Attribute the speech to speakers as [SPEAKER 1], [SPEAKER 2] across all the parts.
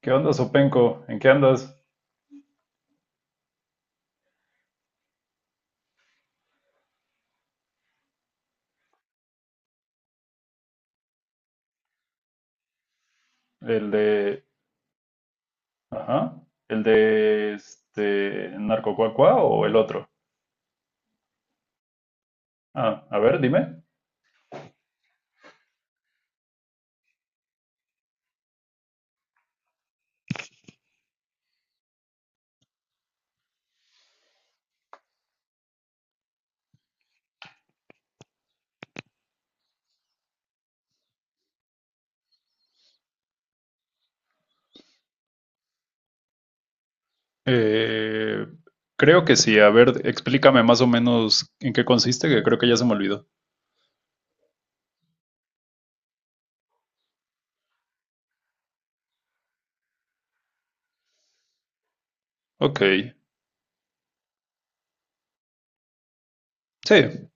[SPEAKER 1] ¿Qué onda, Sopenco? ¿En qué andas? ¿El de... Ajá. ¿El de Narcocuacua o el otro? Ah, a ver, dime. Eh, creo que sí. A ver, explícame más o menos en qué consiste, que creo que ya se me olvidó. Ok. Sí.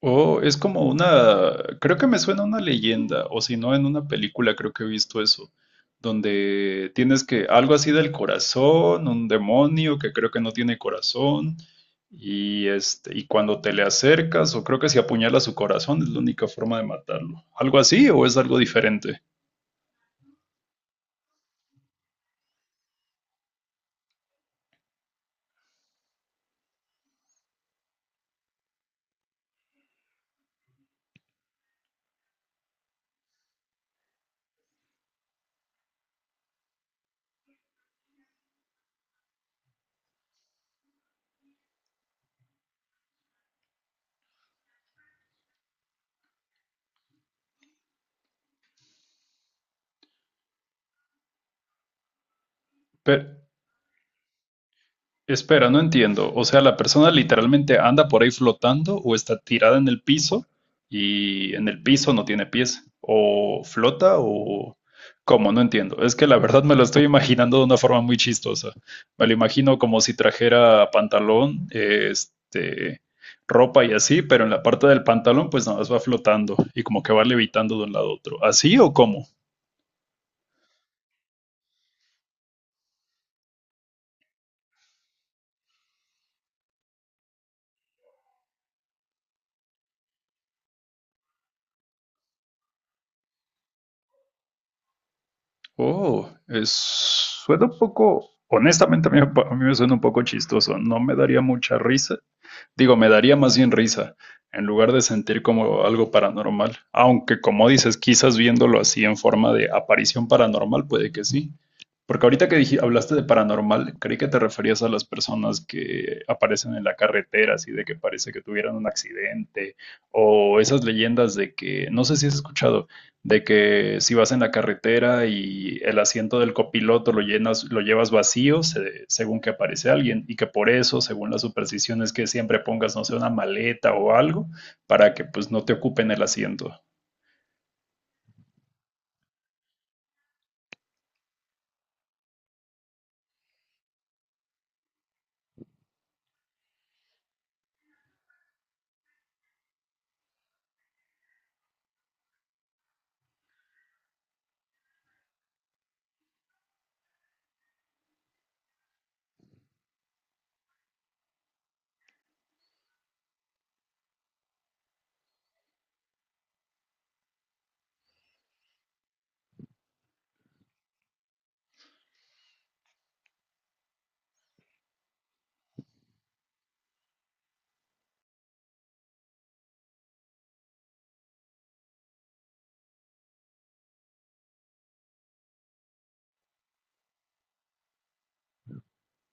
[SPEAKER 1] Oh, es como una, creo que me suena una leyenda, o si no, en una película creo que he visto eso, donde tienes que, algo así del corazón, un demonio que creo que no tiene corazón, y y cuando te le acercas, o creo que si apuñalas su corazón es la única forma de matarlo. ¿Algo así o es algo diferente? Espera, no entiendo. O sea, la persona literalmente anda por ahí flotando o está tirada en el piso y en el piso no tiene pies. O flota o... ¿Cómo? No entiendo. Es que la verdad me lo estoy imaginando de una forma muy chistosa. Me lo imagino como si trajera pantalón, ropa y así, pero en la parte del pantalón pues nada más va flotando y como que va levitando de un lado a otro. ¿Así o cómo? Oh, es, suena un poco, honestamente a mí, a mí me suena un poco chistoso, no me daría mucha risa, digo, me daría más bien risa, en lugar de sentir como algo paranormal, aunque como dices, quizás viéndolo así en forma de aparición paranormal, puede que sí, porque ahorita que hablaste de paranormal, creí que te referías a las personas que aparecen en la carretera, así de que parece que tuvieran un accidente, o esas leyendas de que, no sé si has escuchado de que si vas en la carretera y el asiento del copiloto lo llenas, lo llevas vacío según que aparece alguien y que por eso, según las supersticiones, que siempre pongas, no sé, una maleta o algo para que pues no te ocupen el asiento.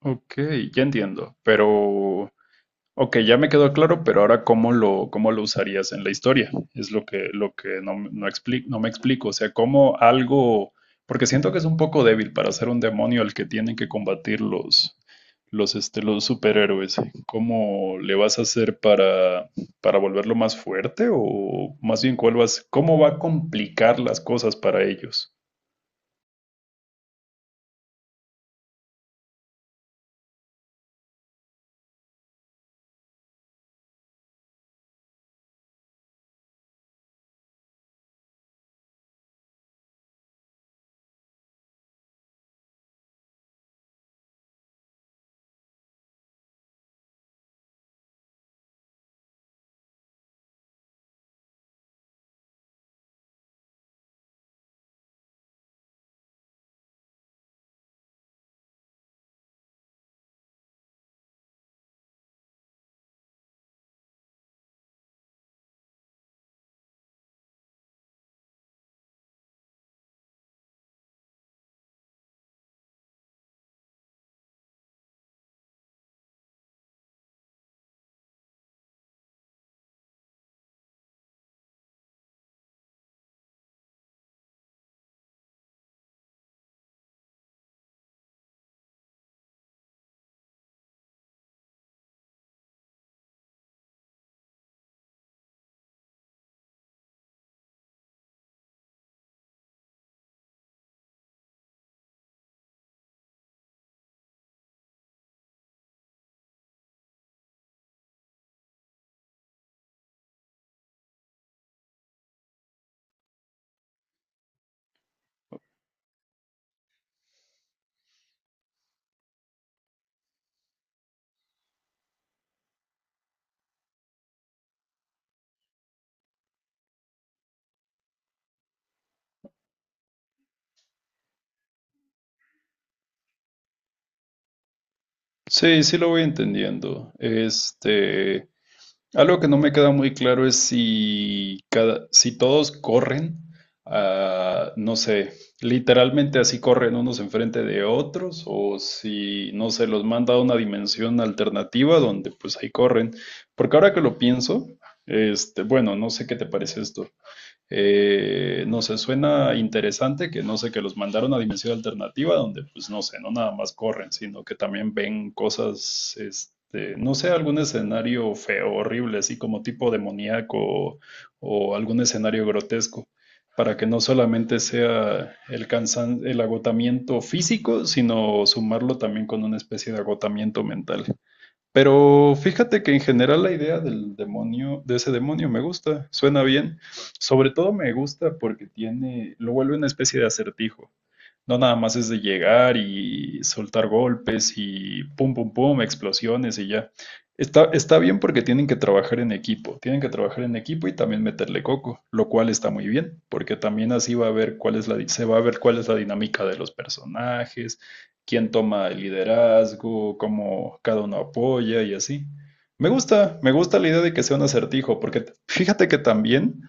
[SPEAKER 1] Ok, ya entiendo, pero ok, ya me quedó claro, pero ahora cómo lo usarías en la historia. Es lo que, no me explico. O sea, cómo algo, porque siento que es un poco débil para ser un demonio al que tienen que combatir los superhéroes. ¿Cómo le vas a hacer para volverlo más fuerte? O más bien, ¿cuál vas, cómo va a complicar las cosas para ellos? Sí, sí lo voy entendiendo. Algo que no me queda muy claro es si cada, si todos corren, no sé, literalmente así corren unos enfrente de otros, o si, no sé, los manda a una dimensión alternativa donde pues ahí corren. Porque ahora que lo pienso, bueno, no sé qué te parece esto. No sé, suena interesante que no sé, que los mandaron a dimensión alternativa donde pues no sé, no nada más corren, sino que también ven cosas, no sé, algún escenario feo, horrible, así como tipo demoníaco o algún escenario grotesco, para que no solamente sea el agotamiento físico, sino sumarlo también con una especie de agotamiento mental. Pero fíjate que en general la idea del demonio, de ese demonio me gusta, suena bien. Sobre todo me gusta porque tiene, lo vuelve una especie de acertijo. No nada más es de llegar y soltar golpes y pum, pum, pum, explosiones y ya. Está bien porque tienen que trabajar en equipo, tienen que trabajar en equipo y también meterle coco, lo cual está muy bien, porque también así va a ver cuál es se va a ver cuál es la dinámica de los personajes, quién toma el liderazgo, cómo cada uno apoya y así. Me gusta la idea de que sea un acertijo, porque fíjate que también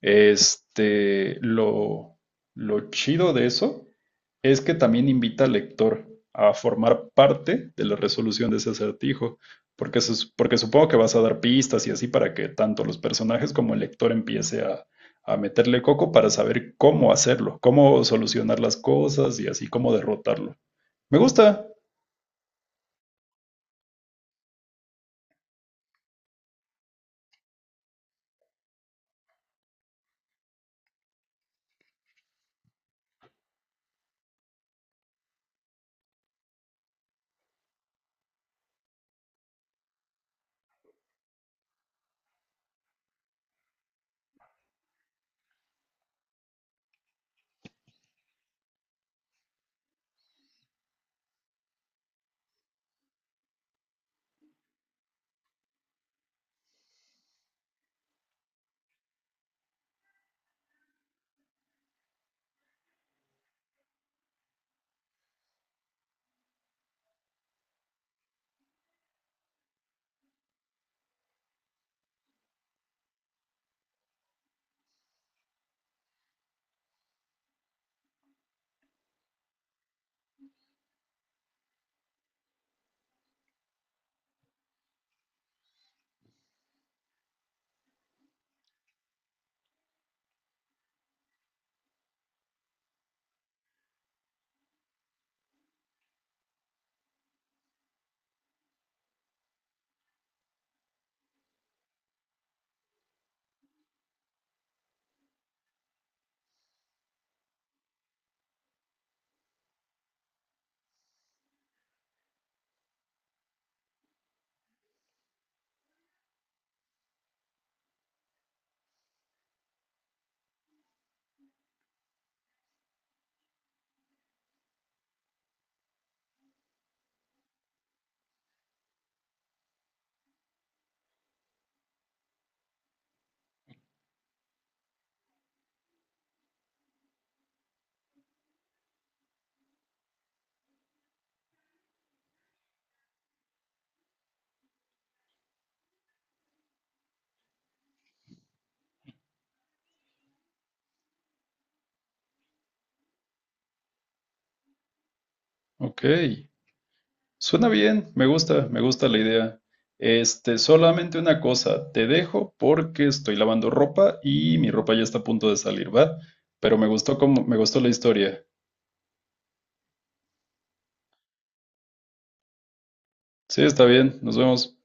[SPEAKER 1] este, lo, lo chido de eso es que también invita al lector a formar parte de la resolución de ese acertijo, porque, porque supongo que vas a dar pistas y así para que tanto los personajes como el lector empiece a meterle coco para saber cómo hacerlo, cómo solucionar las cosas y así cómo derrotarlo. Me gusta. Ok. Suena bien. Me gusta. Me gusta la idea. Solamente una cosa. Te dejo porque estoy lavando ropa y mi ropa ya está a punto de salir, ¿va? Pero me gustó como, me gustó la historia. Sí, está bien. Nos vemos.